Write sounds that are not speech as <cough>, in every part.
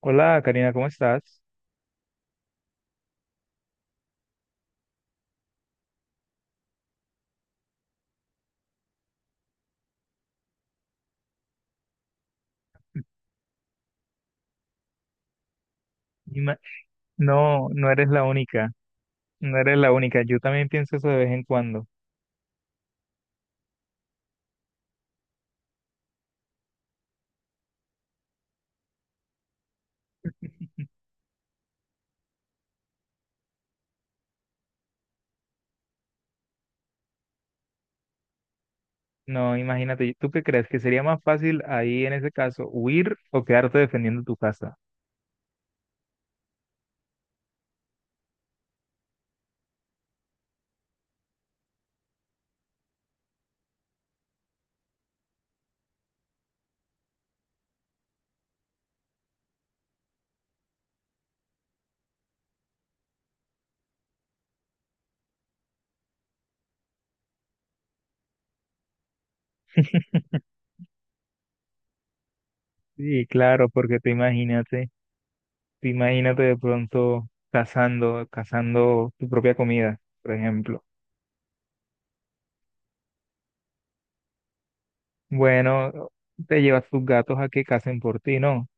Hola, Karina, ¿cómo estás? Ima- No, no eres la única, no eres la única. Yo también pienso eso de vez en cuando. No, imagínate, ¿tú qué crees? ¿Que sería más fácil ahí en ese caso huir o quedarte defendiendo tu casa? Sí, claro, porque te imagínate de pronto cazando, cazando tu propia comida, por ejemplo. Bueno, te llevas tus gatos a que cacen por ti, ¿no?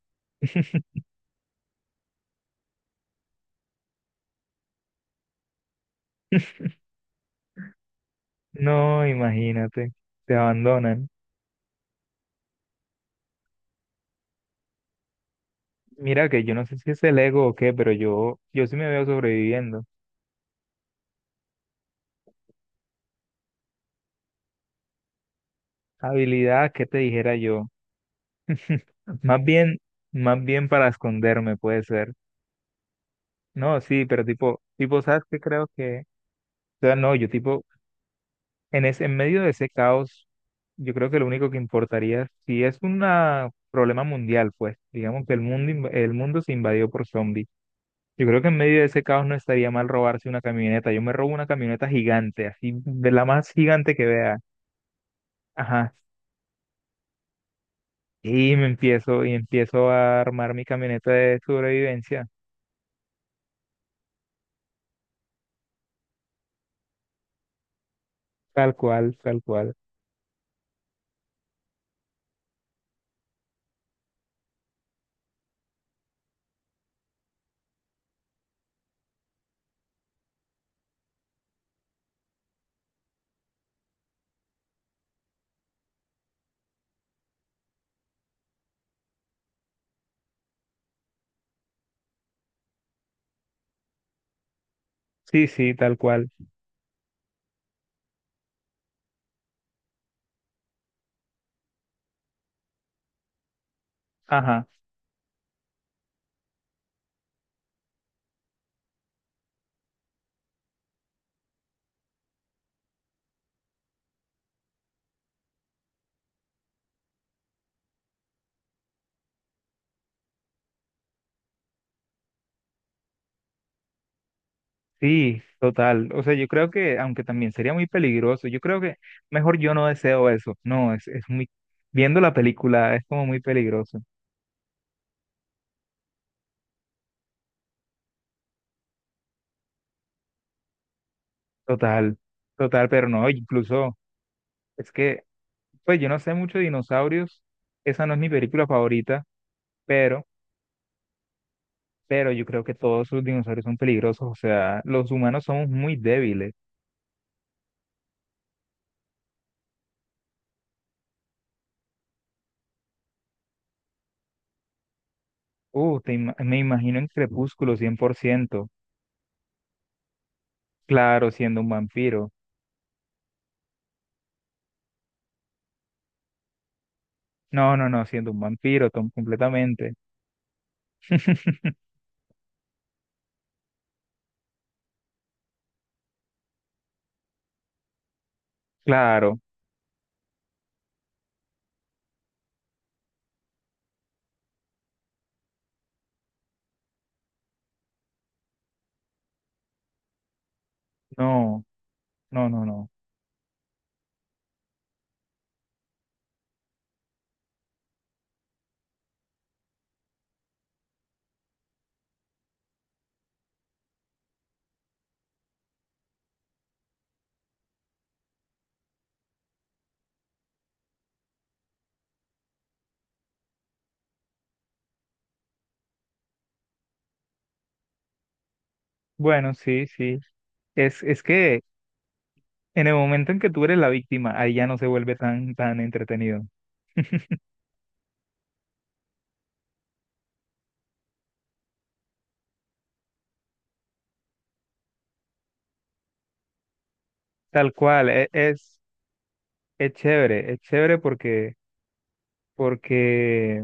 No, imagínate, te abandonan. Mira que yo no sé si es el ego o qué, pero yo sí me veo sobreviviendo. Habilidad, ¿qué te dijera yo? Más bien, más bien para esconderme puede ser. No, sí, pero tipo, ¿sabes qué creo que? O sea, no, yo tipo, en ese, en medio de ese caos, yo creo que lo único que importaría, si es un problema mundial, pues, digamos que el mundo, el mundo se invadió por zombies. Yo creo que en medio de ese caos no estaría mal robarse una camioneta. Yo me robo una camioneta gigante, así, de la más gigante que vea. Ajá. Y empiezo a armar mi camioneta de sobrevivencia, tal cual, tal cual. Sí, sí, tal cual. Ajá, sí, total. O sea, yo creo que, aunque también sería muy peligroso, yo creo que mejor yo no deseo eso. No, es muy, viendo la película es como muy peligroso. Total, total, pero no, incluso, es que, pues yo no sé mucho de dinosaurios, esa no es mi película favorita, pero, pero yo creo que todos los dinosaurios son peligrosos, o sea, los humanos somos muy débiles. Me imagino en Crepúsculo 100%. Claro, siendo un vampiro. No, no, no, siendo un vampiro, completamente. <laughs> Claro, no, no, no, no. Bueno, sí, sí. Es que en el momento en que tú eres la víctima, ahí ya no se vuelve tan, tan entretenido. Tal cual, es chévere, es chévere porque, porque,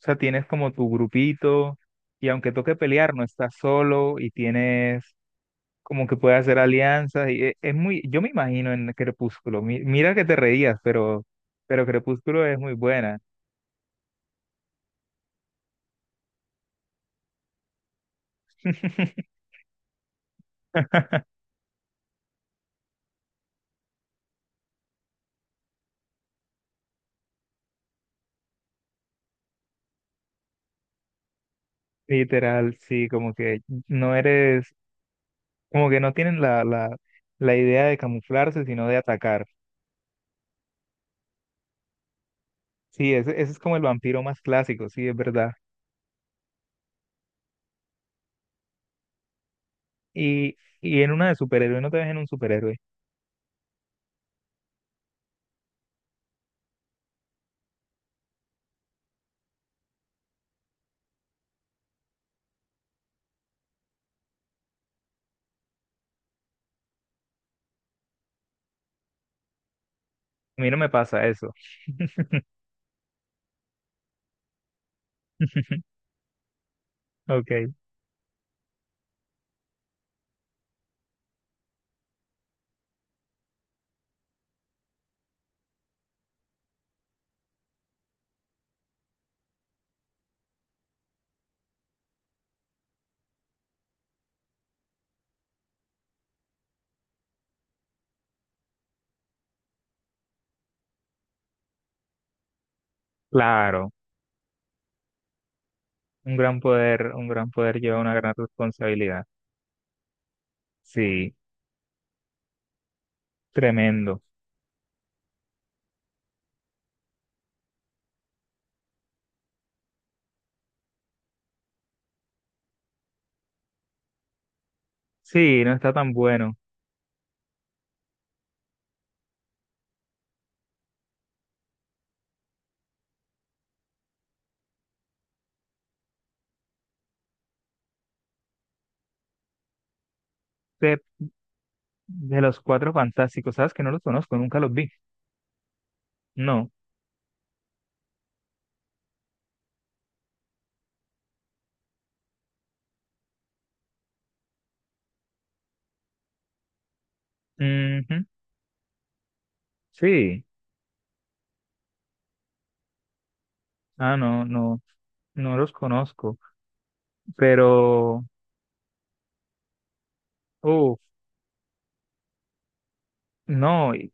o sea, tienes como tu grupito y aunque toque pelear, no estás solo y tienes como que puede hacer alianzas y es muy, yo me imagino en Crepúsculo, mira que te reías, pero Crepúsculo es muy buena. <laughs> Literal, sí, como que no eres, como que no tienen la idea de camuflarse, sino de atacar. Sí, ese es como el vampiro más clásico, sí, es verdad. Y, y en una de superhéroe, no te ves en un superhéroe. A mí no me pasa eso. <laughs> Ok, claro. Un gran poder lleva una gran responsabilidad. Sí, tremendo. Sí, no está tan bueno. De, de los cuatro fantásticos, ¿sabes que no los conozco? Nunca los vi. No. Ujú. Sí. Ah, no, no, no los conozco. Pero, uff, no,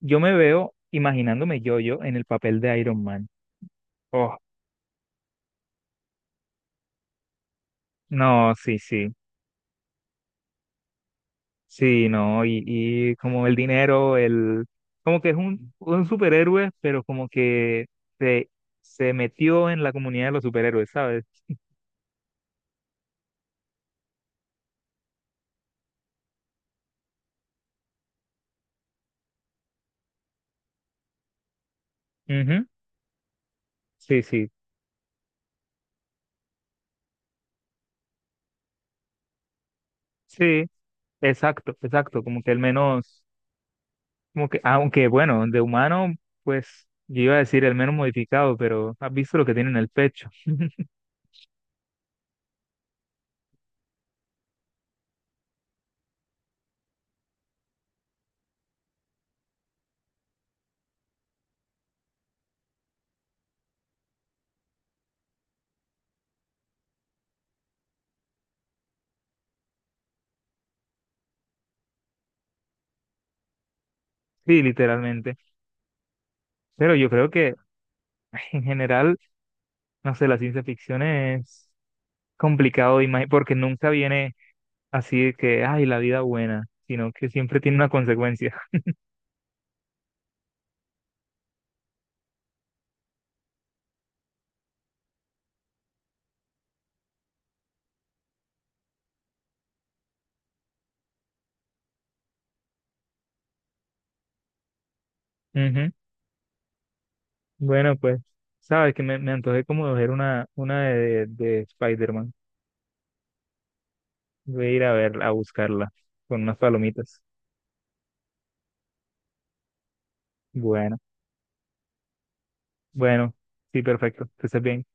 yo me veo imaginándome yo-yo en el papel de Iron Man. Oh, no, sí, sí. Sí, no, y como el dinero, el, como que es un superhéroe, pero como que se, se metió en la comunidad de los superhéroes, ¿sabes? Ujú. Sí, sí. Sí, exacto, exacto, como que el menos, como que, aunque bueno, de humano, pues yo iba a decir el menos modificado, pero has visto lo que tiene en el pecho, sí, literalmente. Pero yo creo que <laughs> en general, no sé, la ciencia ficción es complicado de porque nunca viene así de que, ay, la vida buena, sino que siempre tiene una consecuencia. <laughs> Ujú. Bueno, pues, sabes que me antojé como de ver una de Spider-Man. Voy a ir a verla, a buscarla con unas palomitas. Bueno. Bueno, sí, perfecto. Que estés bien.